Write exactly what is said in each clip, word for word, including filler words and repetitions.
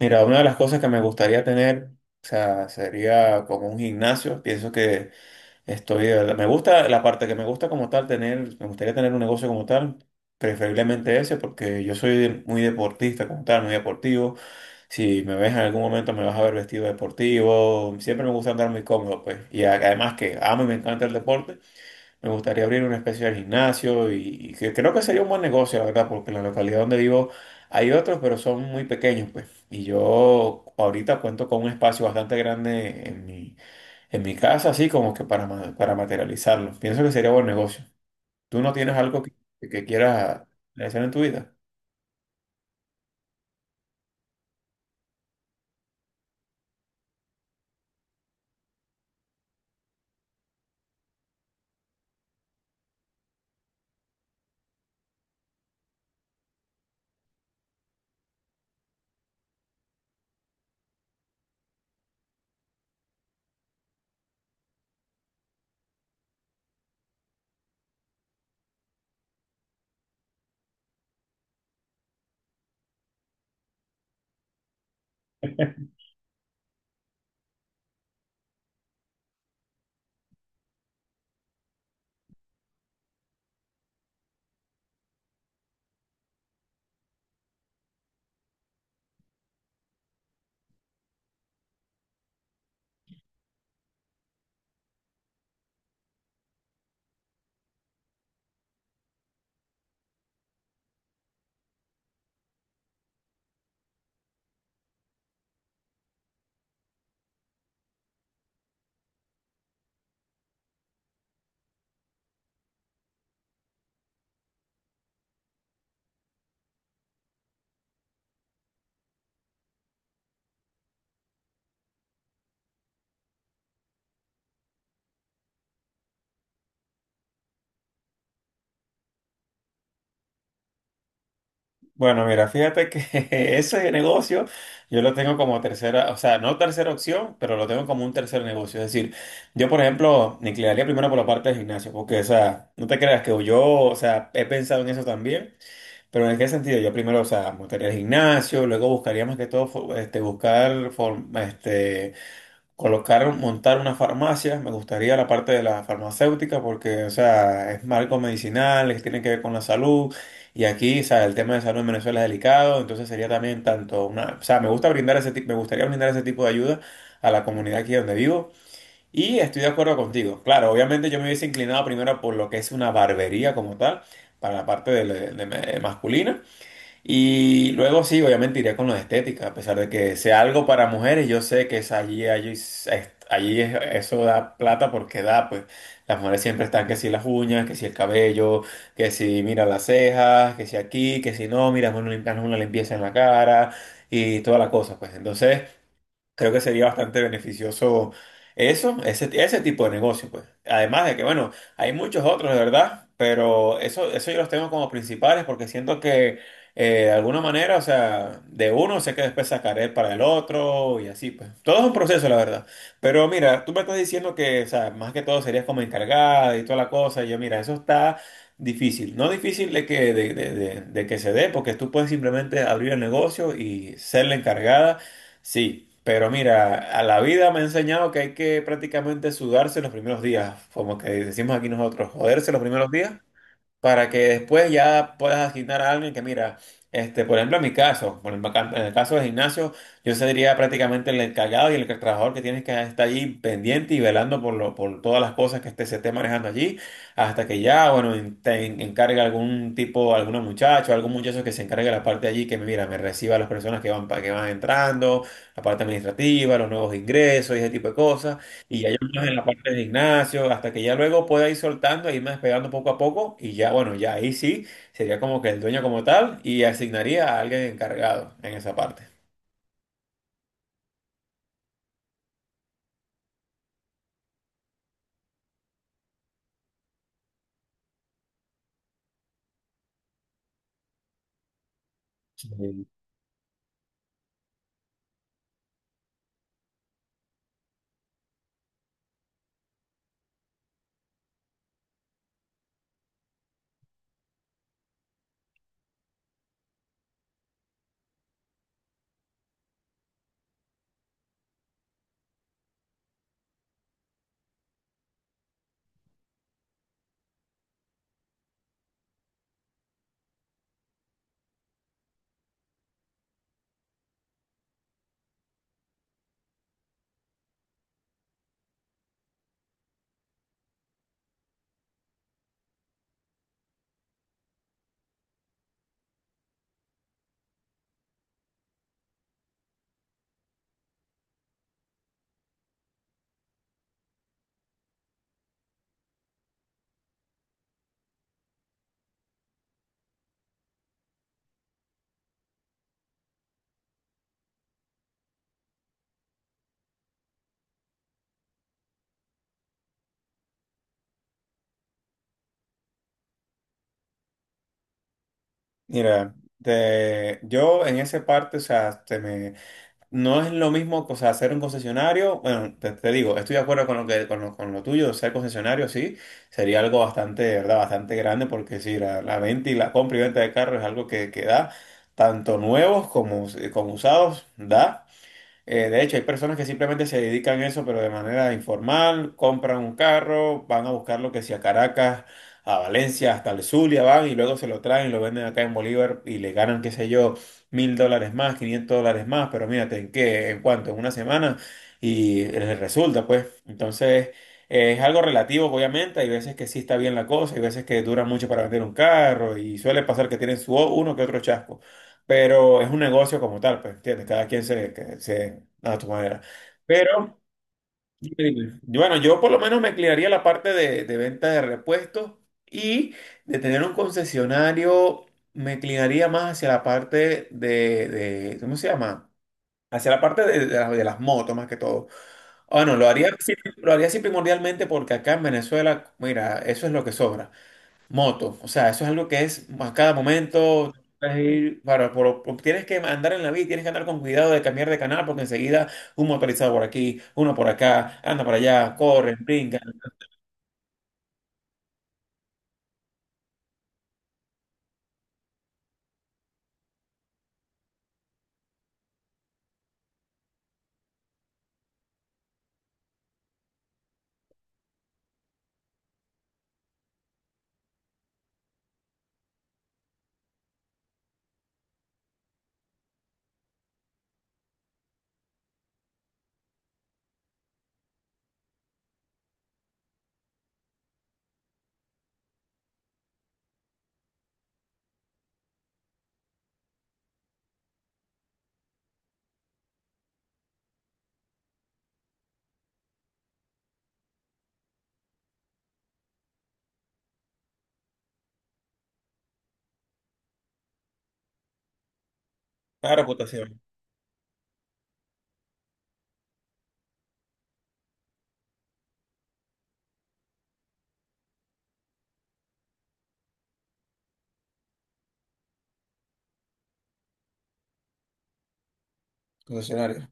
Mira, una de las cosas que me gustaría tener, o sea, sería como un gimnasio. Pienso que estoy, me gusta la parte que me gusta como tal tener, me gustaría tener un negocio como tal, preferiblemente ese, porque yo soy muy deportista como tal, muy deportivo. Si me ves en algún momento me vas a ver vestido deportivo. Siempre me gusta andar muy cómodo, pues. Y a- además que amo y me encanta el deporte. Me gustaría abrir una especie de gimnasio y, y que creo que sería un buen negocio, la verdad, porque en la localidad donde vivo hay otros, pero son muy pequeños, pues. Y yo ahorita cuento con un espacio bastante grande en mi, en mi casa, así como que para, ma- para materializarlo. Pienso que sería buen negocio. ¿Tú no tienes algo que, que quieras realizar en tu vida? Bueno, mira, fíjate que ese negocio yo lo tengo como tercera, o sea, no tercera opción, pero lo tengo como un tercer negocio. Es decir, yo, por ejemplo, me inclinaría primero por la parte del gimnasio, porque, o sea, no te creas que yo, o sea, he pensado en eso también, pero en qué sentido, yo primero, o sea, montaría el gimnasio, luego buscaría más que todo, fo- este, buscar, form- este... colocar, montar una farmacia, me gustaría la parte de la farmacéutica porque, o sea, es marco medicinal, es- tiene que ver con la salud y aquí, o sea, el tema de salud en Venezuela es delicado, entonces sería también tanto una, o sea, me gusta brindar ese tipo, me gustaría brindar ese tipo de ayuda a la comunidad aquí donde vivo y estoy de acuerdo contigo. Claro, obviamente yo me hubiese inclinado primero por lo que es una barbería como tal, para la parte de, de- de- de masculina. Y luego sí, obviamente iría con lo de estética, a pesar de que sea algo para mujeres, yo sé que es allí, allí, es- allí es- eso da plata porque da, pues las mujeres siempre están que si las uñas, que si el cabello, que si mira las cejas, que si aquí, que si no, mira, hazme una lim- una limpieza en la cara y toda la cosa, pues entonces... Creo que sería bastante beneficioso eso, ese, ese tipo de negocio, pues. Además de que, bueno, hay muchos otros, de verdad, pero eso, eso yo los tengo como principales porque siento que eh, de alguna manera, o sea, de uno sé que después sacaré para el otro y así, pues. Todo es un proceso, la verdad. Pero mira, tú me estás diciendo que, o sea, más que todo serías como encargada y toda la cosa. Y yo, mira, eso está difícil. No difícil de que, de de- de- de que se dé, porque tú puedes simplemente abrir el negocio y ser la encargada. Sí, pero mira, a la vida me ha enseñado que hay que prácticamente sudarse los primeros días, como que decimos aquí nosotros, joderse los primeros días para que después ya puedas asignar a alguien que, mira, este, por ejemplo, en mi caso, por el- maca- en el caso del gimnasio, yo sería prácticamente el encargado y el trabajador que tienes que estar allí pendiente y velando por, lo, por todas las cosas que este, se esté manejando allí, hasta que ya, bueno, en- te en- encargue algún tipo, alguna muchacho, algún muchacho que se encargue de la parte allí, que mira, me reciba a las personas que van, pa- que van entrando, la parte administrativa, los nuevos ingresos y ese tipo de cosas. Y hay unos en la parte de gimnasio, hasta que ya luego pueda ir soltando, e irme despegando poco a poco, y ya, bueno, ya ahí sí sería como que el dueño como tal y asignaría a alguien encargado en esa parte. Sí. Mira, te- yo en esa parte, o sea, te me, no es lo mismo, o sea, ser un concesionario, bueno, te, te digo, estoy de acuerdo con lo que, con lo, con lo tuyo, ser concesionario, sí, sería algo bastante, de ¿verdad? Bastante grande, porque sí, la, la venta y la compra y venta de carros es algo que, que da, tanto nuevos como, como usados, da. Eh, de hecho, hay personas que simplemente se dedican a eso, pero de manera informal, compran un carro, van a buscar lo que sea a Caracas, a Valencia, hasta el Zulia van y luego se lo traen, lo venden acá en Bolívar y le ganan, qué sé yo, mil dólares más, quinientos dólares más, pero mírate, ¿en qué? ¿En cuánto? En una semana y les resulta, pues. Entonces, eh, es algo relativo, obviamente. Hay veces que sí está bien la cosa, hay veces que dura mucho para vender un carro y suele pasar que tienen su uno que otro chasco, pero es un negocio como tal, pues, ¿entiendes? Cada quien se, que- se a su manera. Pero, dime, dime. Bueno, yo por lo menos me inclinaría a la parte de, de venta de repuestos y de tener un concesionario, me inclinaría más hacia la parte de, de- ¿cómo se llama? Hacia la parte de, de las, de las motos más que todo. Bueno, lo haría, así- lo haría así primordialmente porque acá en Venezuela, mira, eso es lo que sobra. Moto, o sea, eso es algo que es a cada momento, tienes que ir- para, por- por- tienes que andar en la vida, tienes que andar con cuidado de cambiar de canal porque enseguida un motorizado por aquí, uno por acá, anda para allá, corren, brincan, claro, votación, concesionario,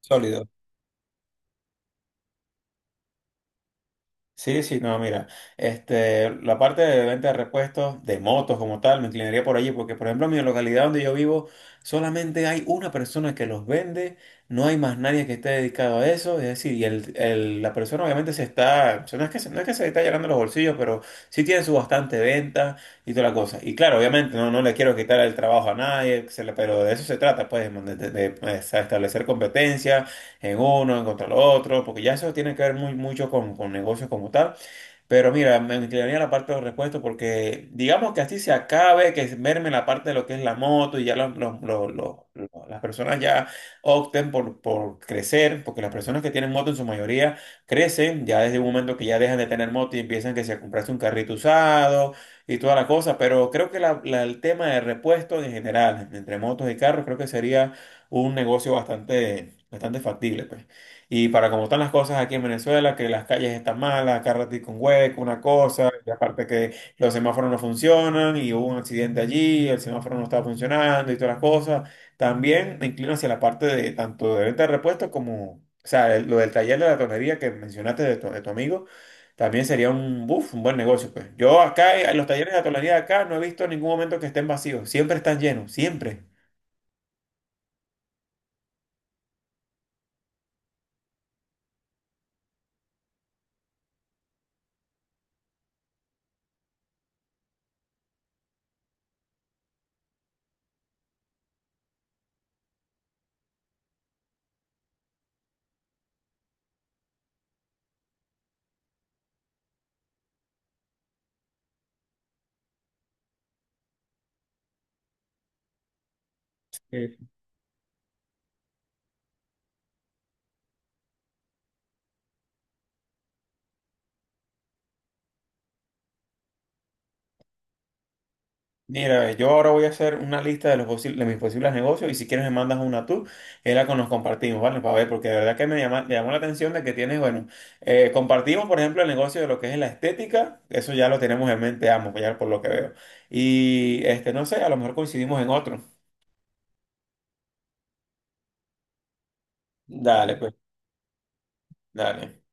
sólido. Sí, sí, no, mira, este, la parte de venta de repuestos de motos como tal, me inclinaría por allí, porque por ejemplo en mi localidad donde yo vivo, solamente hay una persona que los vende, no hay más nadie que esté dedicado a eso, es decir, y el, el- la persona obviamente se está, o sea, no es que se, no es que se está llenando los bolsillos, pero sí tiene su bastante venta y toda la cosa. Y claro, obviamente no, no le quiero quitar el trabajo a nadie, se le- pero de eso se trata, pues, de, de- de- de establecer competencia en uno, en contra el otro, porque ya eso tiene que ver muy, mucho con, con negocios como tal. Pero mira, me inclinaría a la parte de los repuestos porque digamos que así se acabe, que se merme la parte de lo que es la moto y ya los- los- los- los- los- las personas ya opten por, por crecer, porque las personas que tienen moto en su mayoría crecen ya desde un momento que ya dejan de tener moto y empiezan que se a comprarse un carrito usado y toda la cosa, pero creo que la- la- el tema de repuestos en general, entre motos y carros, creo que sería un negocio bastante, bastante factible, pues. Y para como están las cosas aquí en Venezuela, que las calles están malas, cada ratito un hueco, una cosa, y aparte que los semáforos no funcionan, y hubo un accidente allí, el semáforo no estaba funcionando y todas las cosas, también me inclino hacia la parte de tanto de venta de repuestos como, o sea, el- lo del taller de la tonería que mencionaste de tu, de tu amigo, también sería un, buf, un buen negocio, pues. Yo acá, eh, en los talleres de la tonería de acá, no he visto en ningún momento que estén vacíos, siempre están llenos, siempre. Mira, yo ahora voy a hacer una lista de los posibles, de mis posibles negocios y si quieres me mandas una tú, y la con- nos compartimos, ¿vale? Para ver, porque de verdad que me llama, me llamó la atención de que tienes, bueno, eh, compartimos, por ejemplo, el negocio de lo que es la estética, eso ya lo tenemos en mente ambos, ya por lo que veo. Y este, no sé, a lo mejor coincidimos en otro. Dale, pues, dale.